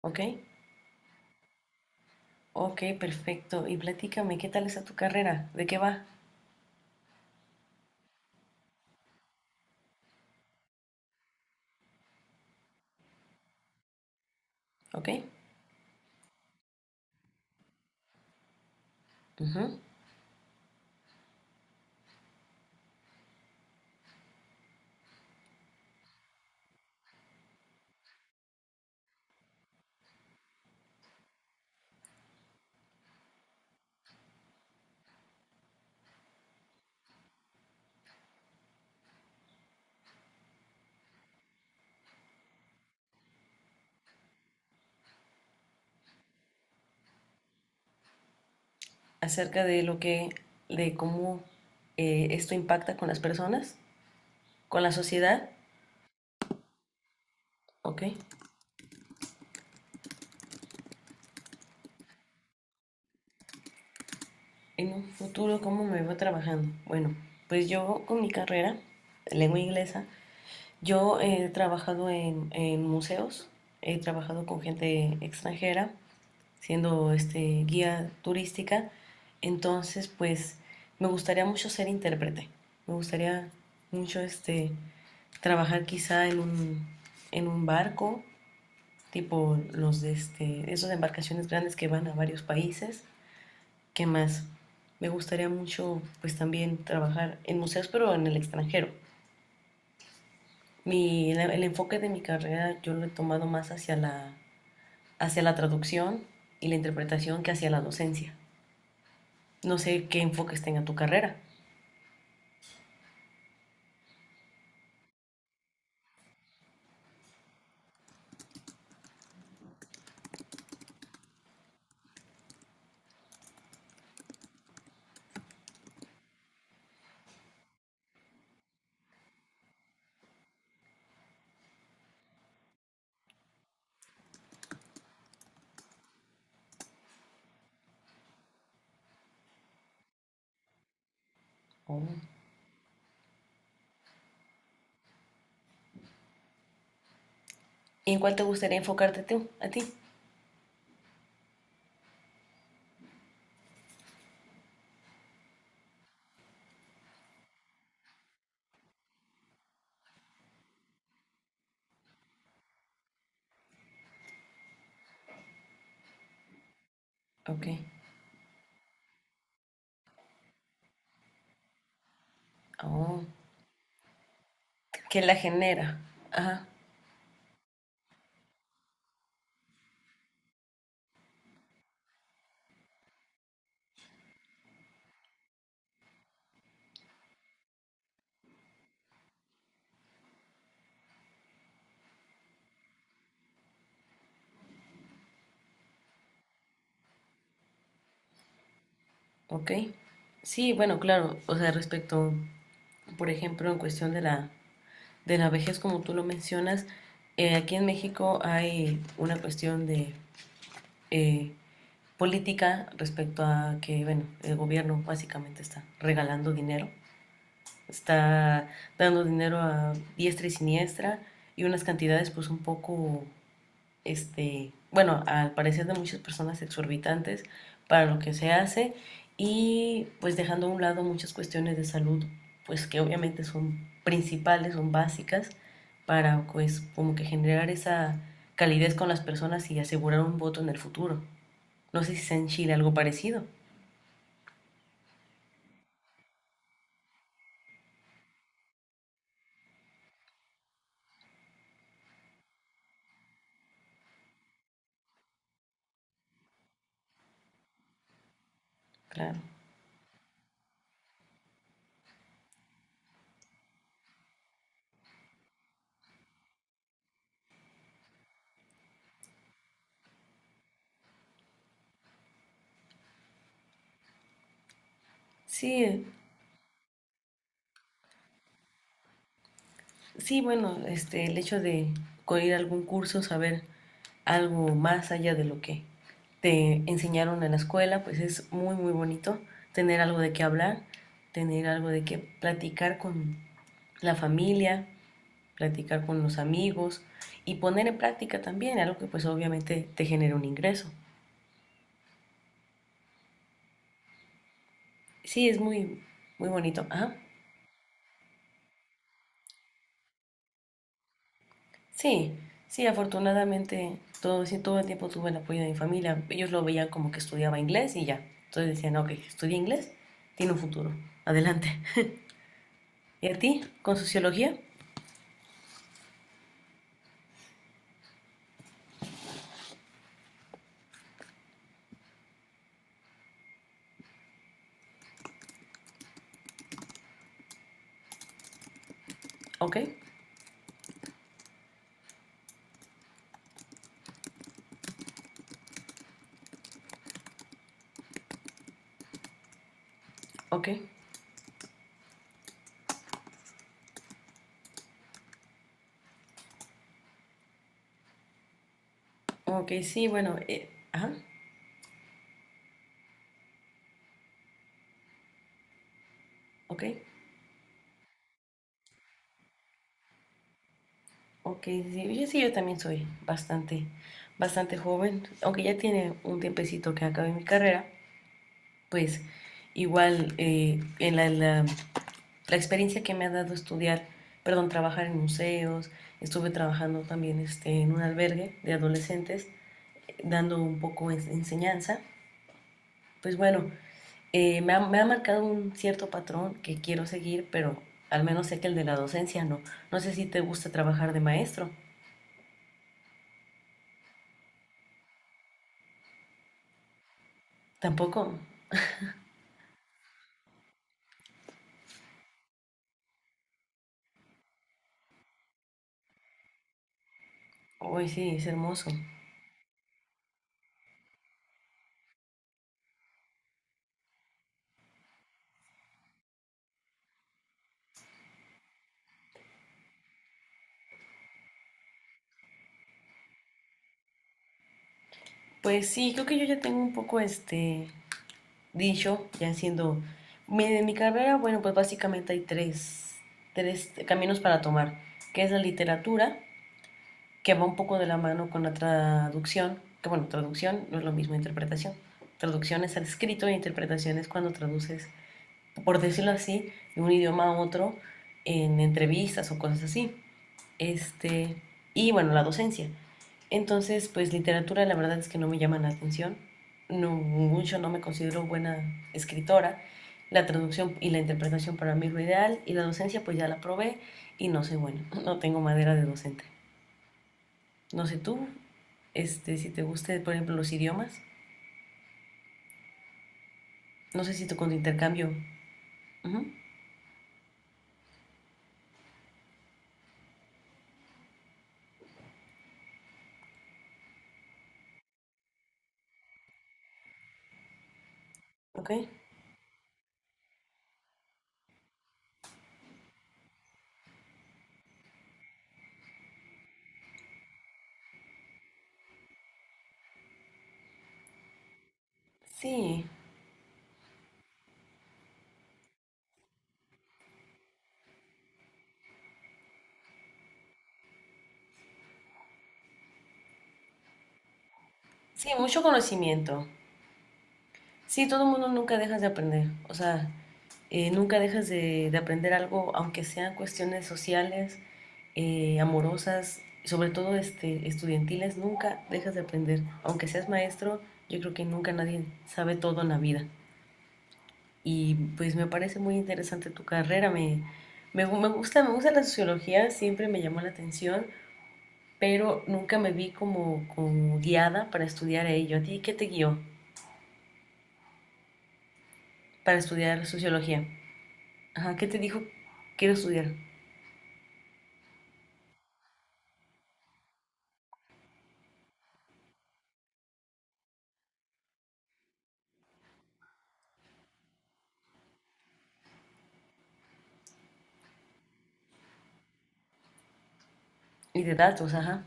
Ok, ok, perfecto. Y platícame, ¿qué tal está tu carrera? ¿De qué va? Ok, ujú. Acerca de lo que, de cómo esto impacta con las personas, con la sociedad. Ok, en un futuro, ¿cómo me veo trabajando? Bueno, pues yo con mi carrera, lengua inglesa, yo he trabajado en museos, he trabajado con gente extranjera, siendo este, guía turística. Entonces, pues me gustaría mucho ser intérprete. Me gustaría mucho este, trabajar quizá en un barco, tipo los de este, esas embarcaciones grandes que van a varios países. ¿Qué más? Me gustaría mucho pues también trabajar en museos, pero en el extranjero. El enfoque de mi carrera yo lo he tomado más hacia la traducción y la interpretación que hacia la docencia. No sé qué enfoques tenga tu carrera. Oh. ¿Y en cuál te gustaría enfocarte tú, a ti? Ok. Oh. ¿Qué la genera? Ajá. Ok. Sí, bueno, claro. O sea, respecto, por ejemplo, en cuestión de la vejez, como tú lo mencionas, aquí en México hay una cuestión de eh, política respecto a que, bueno, el gobierno básicamente está dando dinero a diestra y siniestra y unas cantidades pues un poco, este, bueno, al parecer de muchas personas exorbitantes para lo que se hace y pues dejando a un lado muchas cuestiones de salud pues que obviamente son principales, son básicas para pues como que generar esa calidez con las personas y asegurar un voto en el futuro. No sé si sea en Chile algo parecido. Claro. Sí, sí, bueno, este, el hecho de ir a algún curso, saber algo más allá de lo que te enseñaron en la escuela, pues es muy, muy bonito tener algo de qué hablar, tener algo de qué platicar con la familia, platicar con los amigos y poner en práctica también algo que pues obviamente te genera un ingreso. Sí, es muy, muy bonito. Ajá. Sí, sí, afortunadamente todo, sí, todo el tiempo tuve el apoyo de mi familia. Ellos lo veían como que estudiaba inglés y ya. Entonces decían, ok, estudia inglés, tiene un futuro, adelante. ¿Y a ti? ¿Con sociología? Ok, ok, ok, sí, bueno, ajá, ok, ok, sí, yo, sí, yo también soy bastante, bastante joven, aunque ya tiene un tiempecito que acabé mi carrera, pues igual en la experiencia que me ha dado estudiar, perdón, trabajar en museos, estuve trabajando también este, en un albergue de adolescentes, dando un poco de enseñanza, pues bueno, me ha marcado un cierto patrón que quiero seguir, pero al menos sé que el de la docencia no. No sé si te gusta trabajar de maestro, tampoco. Uy, sí, es hermoso. Pues sí, creo que yo ya tengo un poco este dicho, ya siendo en mi carrera, bueno, pues básicamente hay tres caminos para tomar, que es la literatura, que va un poco de la mano con la traducción, que bueno, traducción no es lo mismo interpretación. Traducción es al escrito e interpretación es cuando traduces, por decirlo así, de un idioma a otro en entrevistas o cosas así. Este, y bueno, la docencia, entonces, pues literatura la verdad es que no me llama la atención. No, mucho no me considero buena escritora. La traducción y la interpretación para mí es lo ideal. Y la docencia pues ya la probé y no soy buena. No tengo madera de docente. No sé tú, este, si te guste, por ejemplo, los idiomas. No sé si tú con tu intercambio. Ujú, ok. Sí, sí, mucho conocimiento. Sí, todo el mundo nunca dejas de aprender. O sea, nunca dejas de aprender algo, aunque sean cuestiones sociales amorosas, sobre todo este, estudiantiles, nunca dejas de aprender. Aunque seas maestro, yo creo que nunca nadie sabe todo en la vida. Y pues me parece muy interesante tu carrera, me gusta la sociología, siempre me llamó la atención, pero nunca me vi como, guiada para estudiar ello. ¿A ti qué te guió para estudiar sociología? Ajá, ¿qué te dijo quiero estudiar? Y de datos, ajá,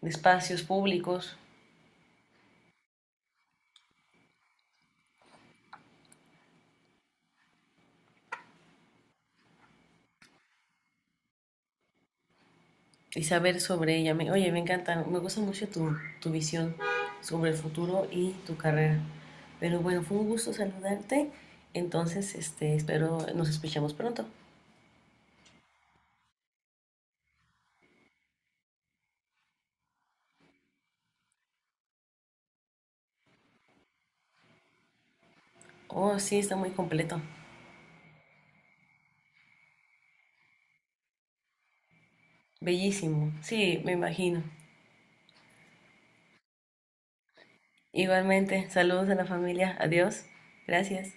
de espacios públicos. Y saber sobre ella. Oye, me encanta, me gusta mucho tu, visión sobre el futuro y tu carrera. Pero bueno, fue un gusto saludarte. Entonces, este, espero nos escuchamos pronto. Oh, sí, está muy completo. Bellísimo. Sí, me imagino. Igualmente, saludos a la familia. Adiós. Gracias.